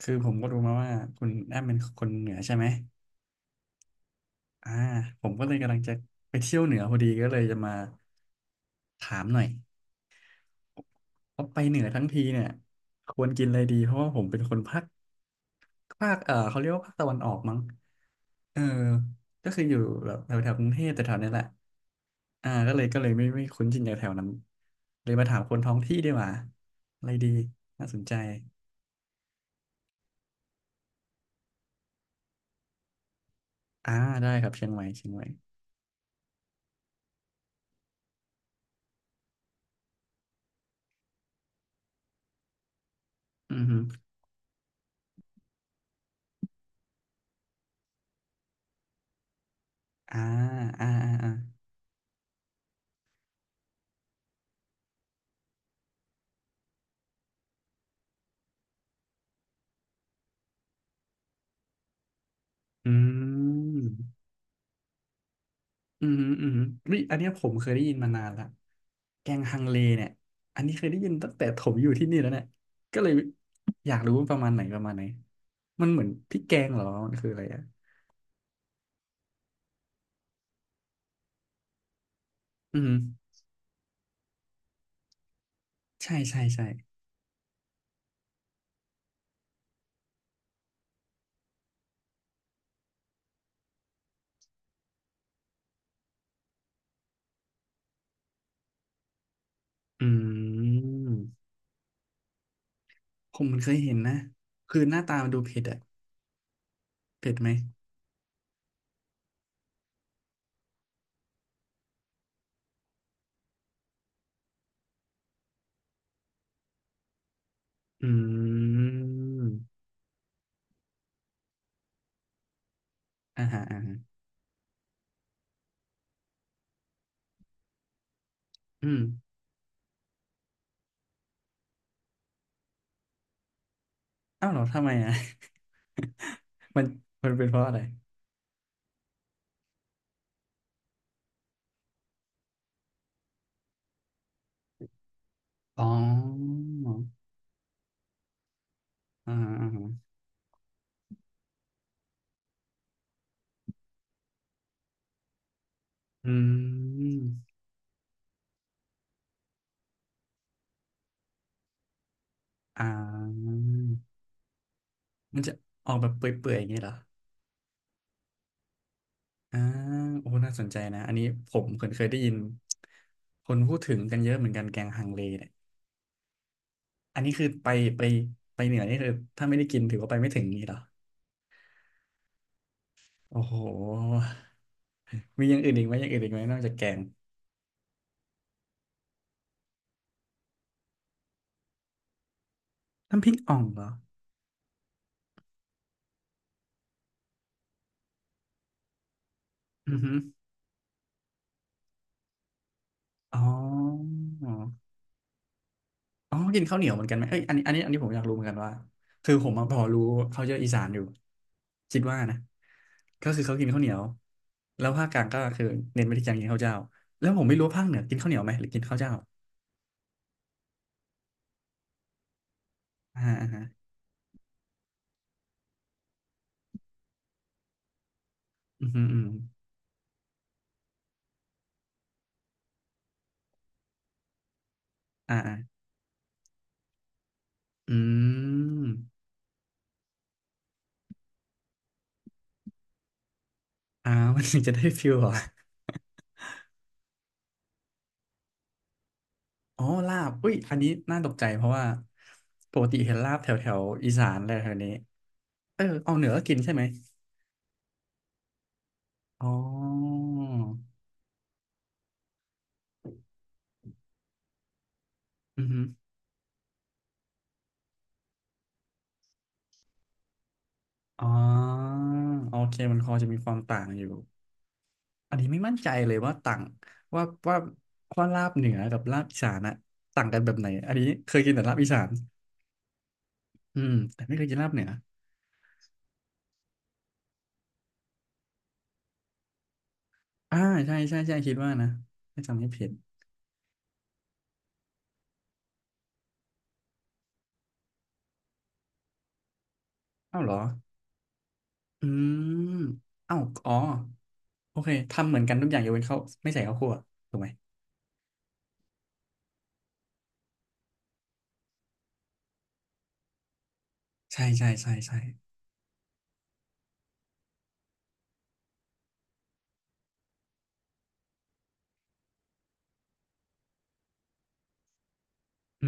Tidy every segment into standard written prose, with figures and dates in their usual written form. คือผมก็รู้มาว่าคุณแอมเป็นคนเหนือใช่ไหมอ่าผมก็เลยกำลังจะไปเที่ยวเหนือพอดีก็เลยจะมาถามหน่อยว่าไปเหนือทั้งทีเนี่ยควรกินอะไรดีเพราะว่าผมเป็นคนภาคเขาเรียกว่าภาคตะวันออกมั้งเออก็คืออยู่แบบแถวแถวกรุงเทพแต่แถวนี้แหละอ่าก็เลยไม่คุ้นชินกับแถวนั้นเลยมาถามคนท้องที่ดีกว่าอะไรดีน่าสนใจอ่าได้ครับเชียงใหม่เชียงใหม่อือฮึอ่าอ่าอ่าอ่า อืม อืม อืมวิอยอันเนี้ยผมเคยได้ยินมานานละแกงฮังเลเนี่ยอันนี้เคยได้ยินตั้งแต่ผมอยู่ที่นี่แล้วเนี่ยก็เลยอยากรู้ว่าประมาณไหนประมาณไหนมันเหมือนพริกแกงเหรอมันคืออะไรอ่ะอืมใช่ใช่ใช่อืม ผมเคยเห็นนะคือหน้าตามันดูเผ็ดอะเผ็ดไหมอืมอ่าฮะอ่าฮะอืมอ้าวเหรอทำไมอ่ะ มันเป็นเพราะอะไรอ๋ออ่าฮะอ่าฮะอืม อ่ามันจะออกแบบเปื่อยๆอย่างนี้เหรออ่าโอ้น่าสนใจนะอันนี้ผมเคยได้ยินคนพูดถึงกันเยอะเหมือนกันแกงฮังเลเนี่ยอันนี้คือไปไปไปเหนือนี่คือถ้าไม่ได้กินถือว่าไปไม่ถึงนี่เหรอโอ้โห มีอย่างอื่นอีกไหมอย่างอื่นอีกไหมนอกจากแกงน้ำพริกอ่องเหรออือฮึอ๋อ อ๋อกินข้าวเหนียวเหมือนกันไหมเอ้ยอันนี้อันนี้อันนี้ผมอยากรู้เหมือนกันว่าคือผมมาพอรู้เขาเยอะอีสานอยู่คิดว่านะก็คือเขากินข้าวเหนียวแล้วภาคกลางก็คือเน้นไปที่การกินข้าวเจ้าแล้วผมไม่รู้ว่าภาคเหนือกินข้าวเหนียวไหมหรือกินข้าวเจ้าอ่าอ่าฮะอืมอหืมออืมอ่าอ่าอืมอ่ามันถึงจะได้ฟิลเหรออ๋อลาบอุ้ยอันนี้น่าตกใจเพราะว่าปกติเห็นลาบแถวแถวอีสานอะไรแถวนี้เออเอาเหนือก็กินใช่ไหมอ๋ออืม อ๋อโอเคมันพอจะมีความต่างอยู่อันนี้ไม่มั่นใจเลยว่าต่างว่าว่าว่าลาบเหนือกับลาบอีสานอะต่างกันแบบไหนอันนี้เคยกินแต่ลาบอีสานอืมแต่ไม่เคยกินลาบเหนืออ่าใช่ใช่ใช่คิดว่านะถ้าจำไม่ผิดเอ้าเหรออืมเอ้าอ๋อโอเคทำเหมือนกันทุกอย่างยกเว้นข้าวไม่ใส่ข้าวคั่วถูกไหมใช่ใช่ใช่ใช่อื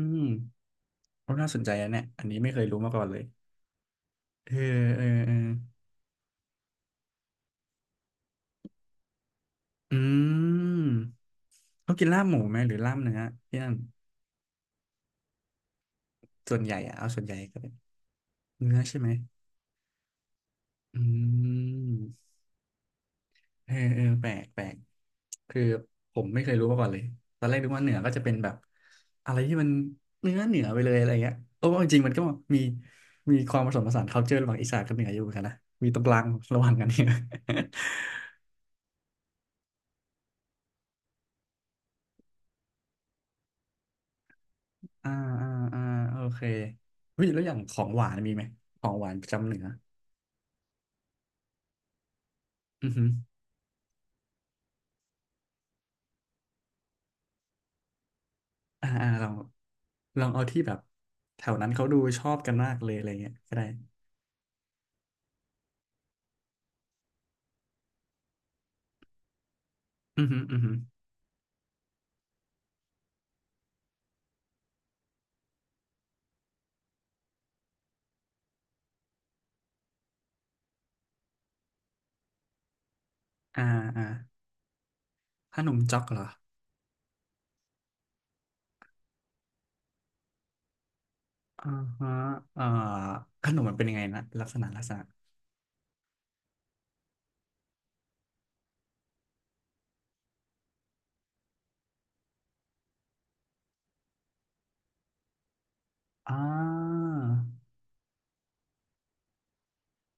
มโอ้น่าสนใจนะเนี่ยอันนี้ไม่เคยรู้มาก่อนเลยเออเออเอออืม เขากินลาบหมูไหมหรือลาบเนื้อพี่อันส่วนใหญ่อะเอาส่วนใหญ่ก็เป็นเนื้อใช่ไหมอืมเออเออแปลกแปลกคือผมไม่เคยรู้มาก่อนเลยตอนแรกนึกว่าเหนือก็จะเป็นแบบอะไรที่มันเนื้อเหนือไปเลยอะไรเงี้ยโอ้จริงๆมันก็มีมีความผสมผสาน culture ระหว่างอีสานกับเหนืออยู่เหมือนกันนะมีตรงกลางระหว่างกันเนี่ย อ่าอ่าอ่าโอเคเฮ้ยแล้วอย่างของหวานมีไหมของหวานประจำเหนืออือฮึ อ่าอ่าลองเอาที่แบบแถวนั้นเขาดูชอบกันมากเลยอะไรเงี้ยก็ได้อือหืออือหืออ่าอ่าขนมจ๊อกเหรออ่าฮะเอ่าขนมมันเป็นยังไงนะลักษณะลักษณะอ่า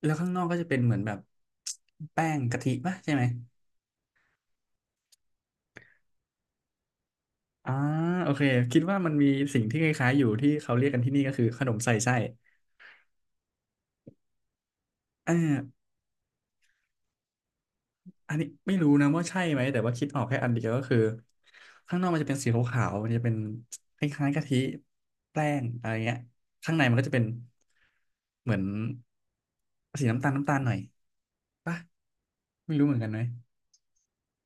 แล้วข้างนอกก็จะเป็นเหมือนแบบแป้งกะทิป่ะใช่ไหมอ่าโอเคคิดว่ามันมีสิ่งที่คล้ายๆอยู่ที่เขาเรียกกันที่นี่ก็คือขนมใส่ไส้เออ อันนี้ไม่รู้นะว่าใช่ไหมแต่ว่าคิดออกแค่อันเดียวก็คือข้างนอกมันจะเป็นสีขาวๆมันจะเป็นคล้ายๆกะทิแป้งอะไรเงี้ยข้างในมันก็จะเป็นเหมือนสีน้ำตาลน้ำตาลหน่อยปะไม่รู้เหมือนกันไหม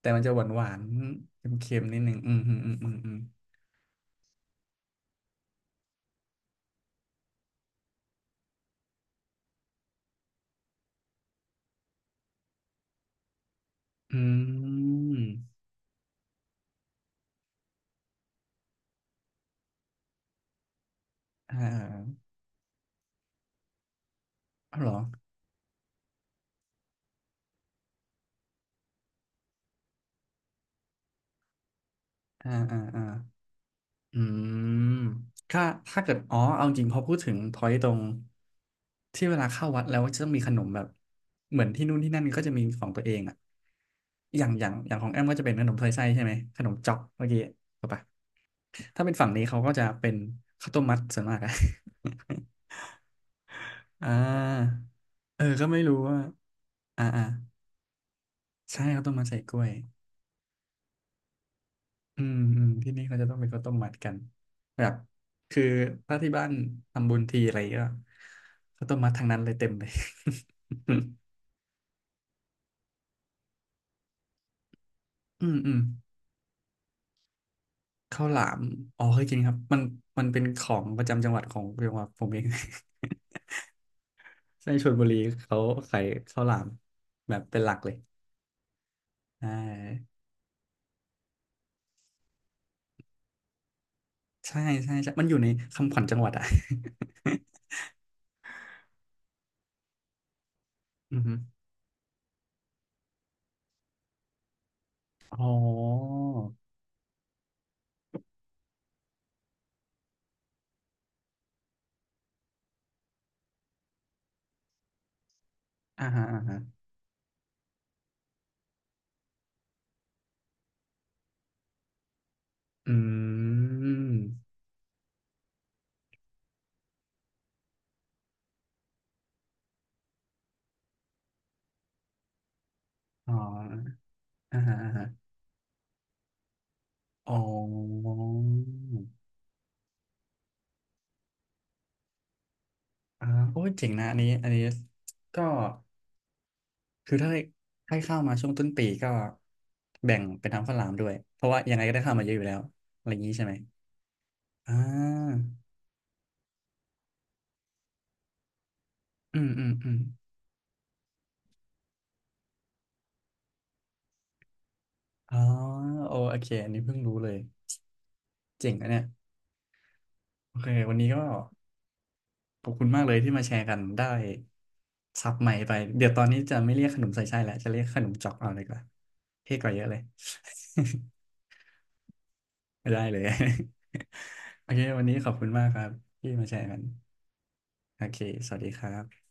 แต่มันจะหวานหวานเค็มๆนิดนึงอืมอืมอืมอืมอืมอืมอ่าอ่าเอาเหรออ่าอ่าอ่า อืมถ้าถ้าเกิดอ๋อเอาจริงพอพูดถึงพอยตตรงที่เวลาเข้าวัดแล้วจะต้องมีขนมแบบเหมือนที่นู่นที่นั่นก็จะมีของตัวเองอะอย่างของแอมก็จะเป็นขนมถ้วยไส้ใช่ไหมขนมจ๊อกเมื่อกี้ถูกปะถ้าเป็นฝั่งนี้เขาก็จะเป็นข้าวต้มมัดส่วนมากอะ อ่าเออก็ไม่รู้ว่าอ่าอ่าใช่ข้าวต้มมัดใส่กล้วย อืมอืมที่นี่เขาจะต้องไปข้าวต้มมัดกันแบบคือถ้าที่บ้านทำบุญทีอะไรก็ข้าวต้มมัดทางนั้นเลยเต็มเลย อืมอืมข้าวหลามอ๋อเคยกินครับมันเป็นของประจำจังหวัดของจังหวัดผมเอง ในชลบุรีเขาขายข้าวหลามแบบเป็นหลักเลยอ่าใช่ใช่ใช่มันอยู่ในคำขวัญจังหวัดอ่ะ อือฮึอ๋ออ่าฮะอ่าฮะอืมอ๋ออ่าฮะอ่าฮะ อ๋ออ่าโอ้ยเจ๋งนะอันนี้อันนี้ ก็คือถ้าให้เข้ามาช่วงต้นปีก็แบ่งเป็นทางฝรั่งลามด้วย เพราะว่ายังไงก็ได้เข้ามาเยอะอยู่แล้ว อะไรอย่างนี้ใช่ไหมอ่าอืมอืมอืมอ๋อโอโอเคอันนี้เพิ่งรู้เลยเจ๋งนะเนี่ยโอเควันนี้ก็ขอบคุณมากเลยที่มาแชร์กันได้ศัพท์ใหม่ไป เดี๋ยวตอนนี้จะไม่เรียกขนมใส่ไส้แล้ว จะเรียกขนมจอกเอาเลยดีกว่าเท่กว่าเยอะเลย ได้เลย โอเค วันนี้ขอบคุณมากครับที่มาแชร์กัน โอเค สวัสดีครับ